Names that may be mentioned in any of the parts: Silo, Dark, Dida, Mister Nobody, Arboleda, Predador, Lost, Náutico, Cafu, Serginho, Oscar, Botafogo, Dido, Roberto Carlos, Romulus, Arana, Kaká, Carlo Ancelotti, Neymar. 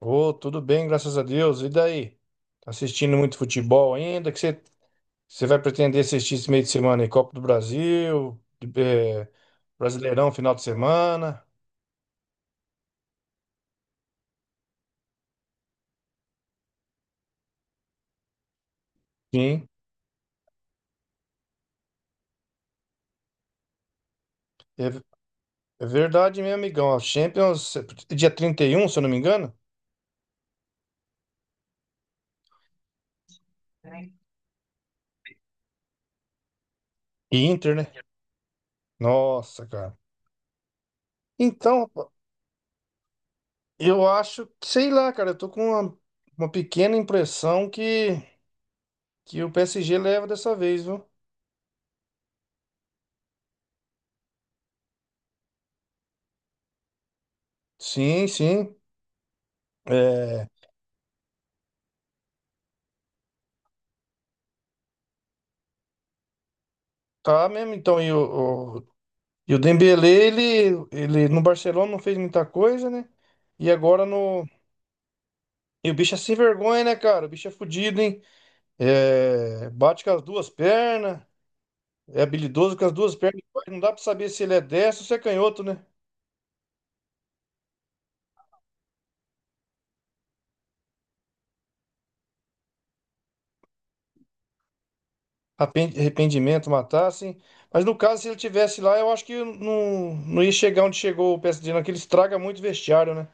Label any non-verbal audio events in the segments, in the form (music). Ô, tudo bem, graças a Deus. E daí? Tá assistindo muito futebol ainda? Que você vai pretender assistir esse meio de semana aí? Copa do Brasil, eh, Brasileirão, final de semana? Sim, é, é verdade, meu amigão. A Champions, é dia 31 se eu não me engano? E Inter, né? Nossa, cara. Então, rapaz, sei lá, cara, eu tô com uma pequena impressão que o PSG leva dessa vez, viu? Sim, sim. É, tá mesmo, então, e o Dembélé, ele no Barcelona não fez muita coisa, né? E agora no. E o bicho é sem vergonha, né, cara? O bicho é fudido, hein? É, bate com as duas pernas, é habilidoso com as duas pernas. Não dá pra saber se ele é destro ou se é canhoto, né? Arrependimento, matar, assim. Mas no caso, se ele tivesse lá, eu acho que não, não ia chegar onde chegou o PSG, não, que ele estraga muito o vestiário, né?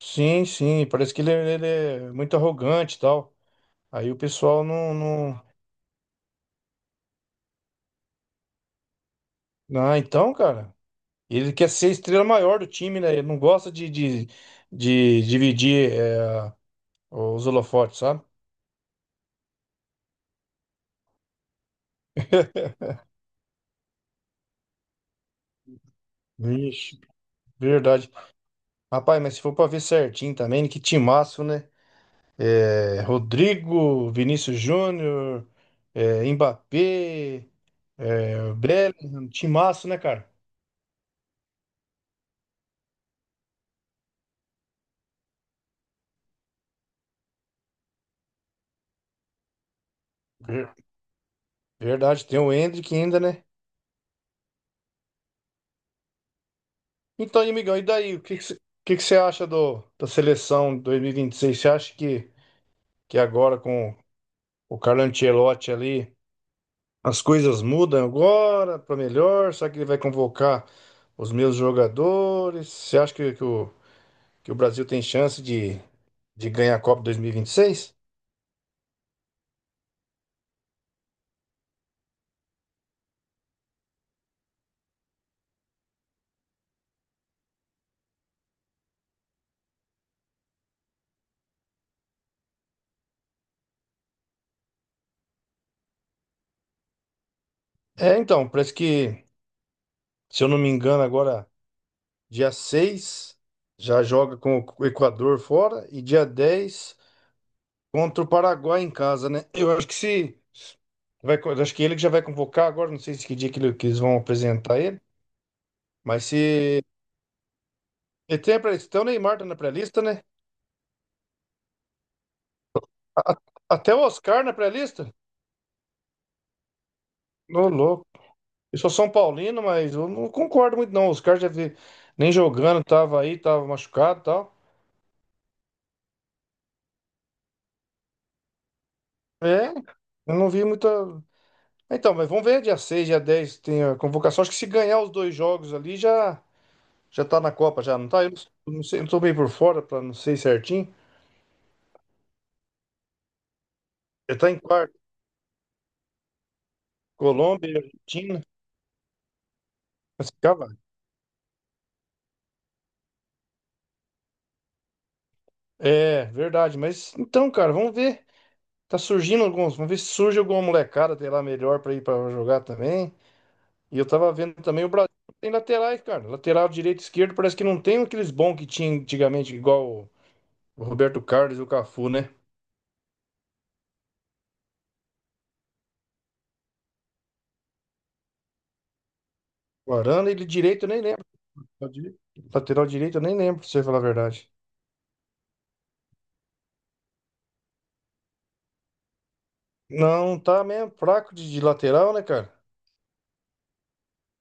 Sim, sim, parece que ele é muito arrogante e tal. Aí o pessoal não, não... Ah, então, cara. Ele quer ser a estrela maior do time, né? Ele não gosta de dividir os holofotes, sabe? Vixe, verdade. Rapaz, mas se for pra ver certinho também, que timaço, né? É, Rodrigo, Vinícius Júnior, é, Mbappé, é, Bellingham, timaço, né, cara? Ver- Verdade, tem o Endrick ainda, né? Então, e, amigão, e daí? O que que você acha do, da seleção 2026? Você acha que agora com o Carlo Ancelotti ali. As coisas mudam agora para melhor. Será que ele vai convocar os meus jogadores? Você acha que o Brasil tem chance de ganhar a Copa dois mil e vinte e seis? É, então, parece que, se eu não me engano, agora dia 6 já joga com o Equador fora e dia 10 contra o Paraguai em casa, né? Eu acho que se acho que ele que já vai convocar agora, não sei se que dia que, que eles vão apresentar ele, mas se ele tem, então o Neymar tá na pré-lista, né? A- Até o Oscar na pré-lista? Ô, louco. Eu sou São Paulino, mas eu não concordo muito, não. O Oscar já vi nem jogando, tava aí, tava machucado e tal. É, eu não vi muita. Então, mas vamos ver, dia 6 dia 10 tem a convocação. Acho que se ganhar os dois jogos ali, já tá na Copa, já, não tá? Eu não sei, eu tô meio por fora, pra não sei certinho. Já tá em quarto. Colômbia, e Argentina. Mas, cara, é verdade, mas então, cara, vamos ver. Tá surgindo alguns. Vamos ver se surge alguma molecada, sei lá, melhor pra ir pra jogar também. E eu tava vendo também o Brasil tem laterais, cara. Lateral direito e esquerdo parece que não tem aqueles bons que tinha antigamente, igual o Roberto Carlos e o Cafu, né? O Arana, ele direito eu nem lembro. Lateral direito eu nem lembro, pra você falar a verdade. Não, tá mesmo fraco de lateral, né, cara?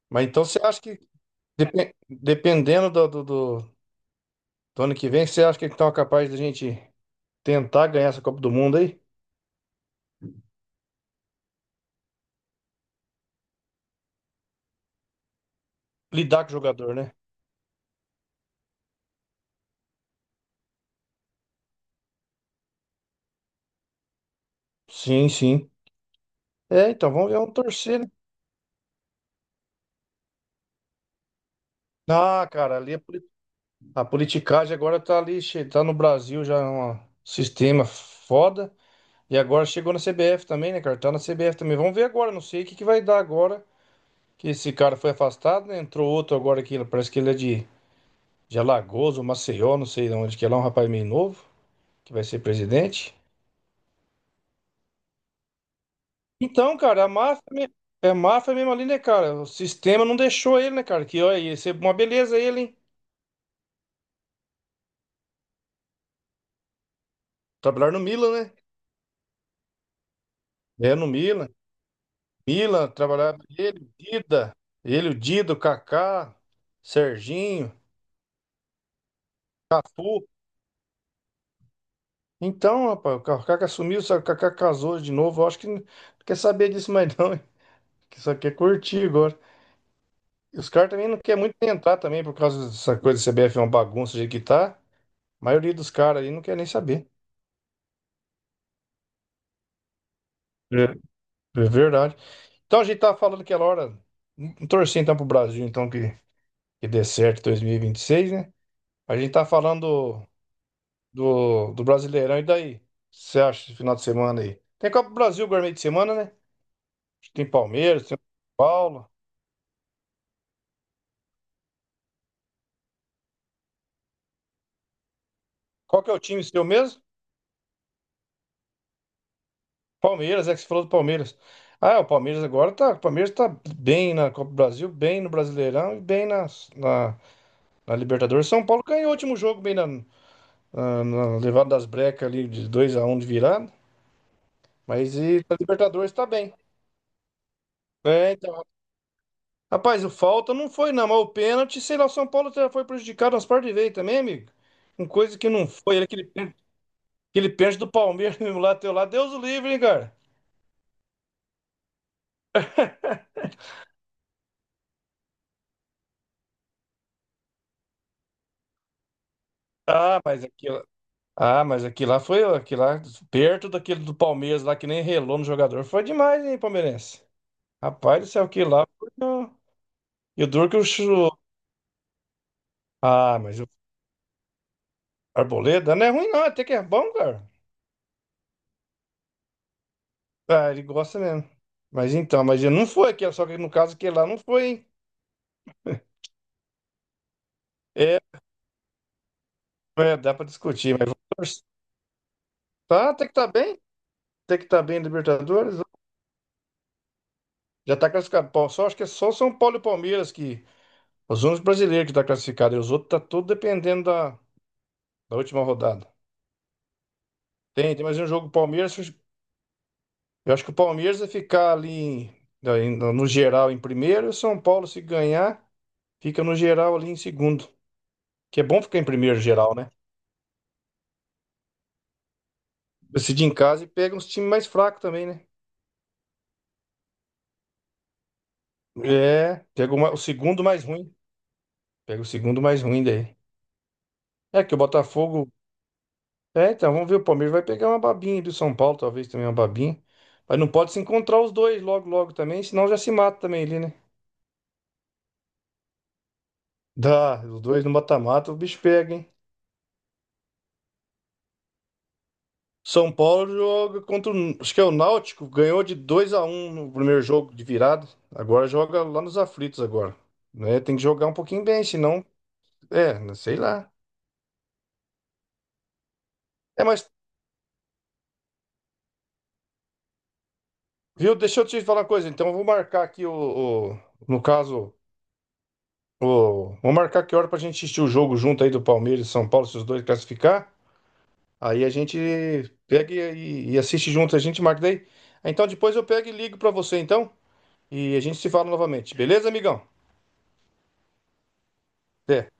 Mas então você acha que, dependendo do ano que vem, você acha que eles estão capazes da gente tentar ganhar essa Copa do Mundo aí? Lidar com o jogador, né? Sim, sim. É, então, vamos torcer, né? Ah, cara, a politicagem agora tá ali, tá no Brasil já é um sistema foda. E agora chegou na CBF também, né, cara? Tá na CBF também. Vamos ver agora, não sei o que que vai dar agora. Que esse cara foi afastado, né? Entrou outro agora aqui, parece que ele é de Alagoas, ou Maceió, não sei de onde que é lá, um rapaz meio novo, que vai ser presidente. Então, cara, é máfia mesmo ali, né, cara? O sistema não deixou ele, né, cara? Que, olha, ia ser uma beleza ele, hein? Trabalhar no Milan, né? É, no Milan. Milan, trabalhava ele, o Dida, ele, o Dido, o Kaká, Serginho, Cafu. Então, rapaz, o Kaká sumiu, só que o Kaká casou de novo. Eu acho que não quer saber disso mais não, hein? (laughs) Que só quer curtir agora. E os caras também não querem muito entrar também por causa dessa coisa do CBF é uma bagunça do jeito que tá. A maioria dos caras aí não quer nem saber. É, é verdade. Então a gente tava falando aquela hora, torcendo então pro Brasil, então que dê certo em dois mil e vinte e seis, né? A gente tá falando do Brasileirão. E daí? O que você acha esse final de semana aí? Tem Copa do Brasil agora meio de semana, né? Acho que tem Palmeiras, tem São Paulo. Qual que é o time seu mesmo? Palmeiras, é que você falou do Palmeiras. Ah, o Palmeiras agora tá. O Palmeiras tá bem na Copa do Brasil, bem no Brasileirão e bem na Libertadores. São Paulo ganhou o último jogo bem na levada das brecas ali de 2-1 de virada. Mas e na Libertadores tá bem. É, então, rapaz, o falta não foi, não, mas o pênalti, sei lá, o São Paulo já foi prejudicado umas partes de vez também, amigo. Com coisa que não foi, aquele pênalti do Palmeiras (laughs) mesmo lá, teu lá, Deus o livre, hein, cara. Ah, mas aquilo, ah, mas aquilo lá foi, aquilo lá, perto daquele do Palmeiras lá, que nem relou no jogador, foi demais, hein, palmeirense. Rapaz do céu, aquilo lá foi, ó, e o duro que. Ah, mas o Arboleda não é ruim não, é até que é bom, cara. Ah, ele gosta mesmo. Mas então, mas ele não foi aquele, só que no caso aquele lá não foi, hein. É, É, dá pra discutir, mas vamos torcer. Tá, tem que estar bem, tem que estar bem em Libertadores. Já tá classificado. Pô, só acho que é só São Paulo e Palmeiras que os únicos brasileiros que tá classificado, e os outros tá tudo dependendo da última rodada. Tem mais um jogo Palmeiras. Eu acho que o Palmeiras vai ficar no geral em primeiro, e o São Paulo se ganhar fica no geral ali em segundo. Que é bom ficar em primeiro geral, né? Decide em casa e pega uns times mais fracos também, né? É, pega o segundo mais ruim. Pega o segundo mais ruim daí. É que o Botafogo. É, então, vamos ver. O Palmeiras vai pegar uma babinha do São Paulo, talvez também uma babinha. Mas não pode se encontrar os dois logo, logo também, senão já se mata também ali, né? Dá, os dois no mata-mata, o bicho pega, hein? São Paulo joga contra, acho que é o Náutico, ganhou de 2-1 no primeiro jogo de virada. Agora joga lá nos aflitos agora, né? Tem que jogar um pouquinho bem, senão, não sei lá. É, mas, viu, deixa eu te falar uma coisa, então eu vou marcar aqui no caso, ô, vamos marcar que hora pra gente assistir o jogo junto aí do Palmeiras e São Paulo, se os dois classificar. Aí a gente pega e assiste junto, a gente marca daí. Ah, então depois eu pego e ligo pra você então. E a gente se fala novamente. Beleza, amigão? Até.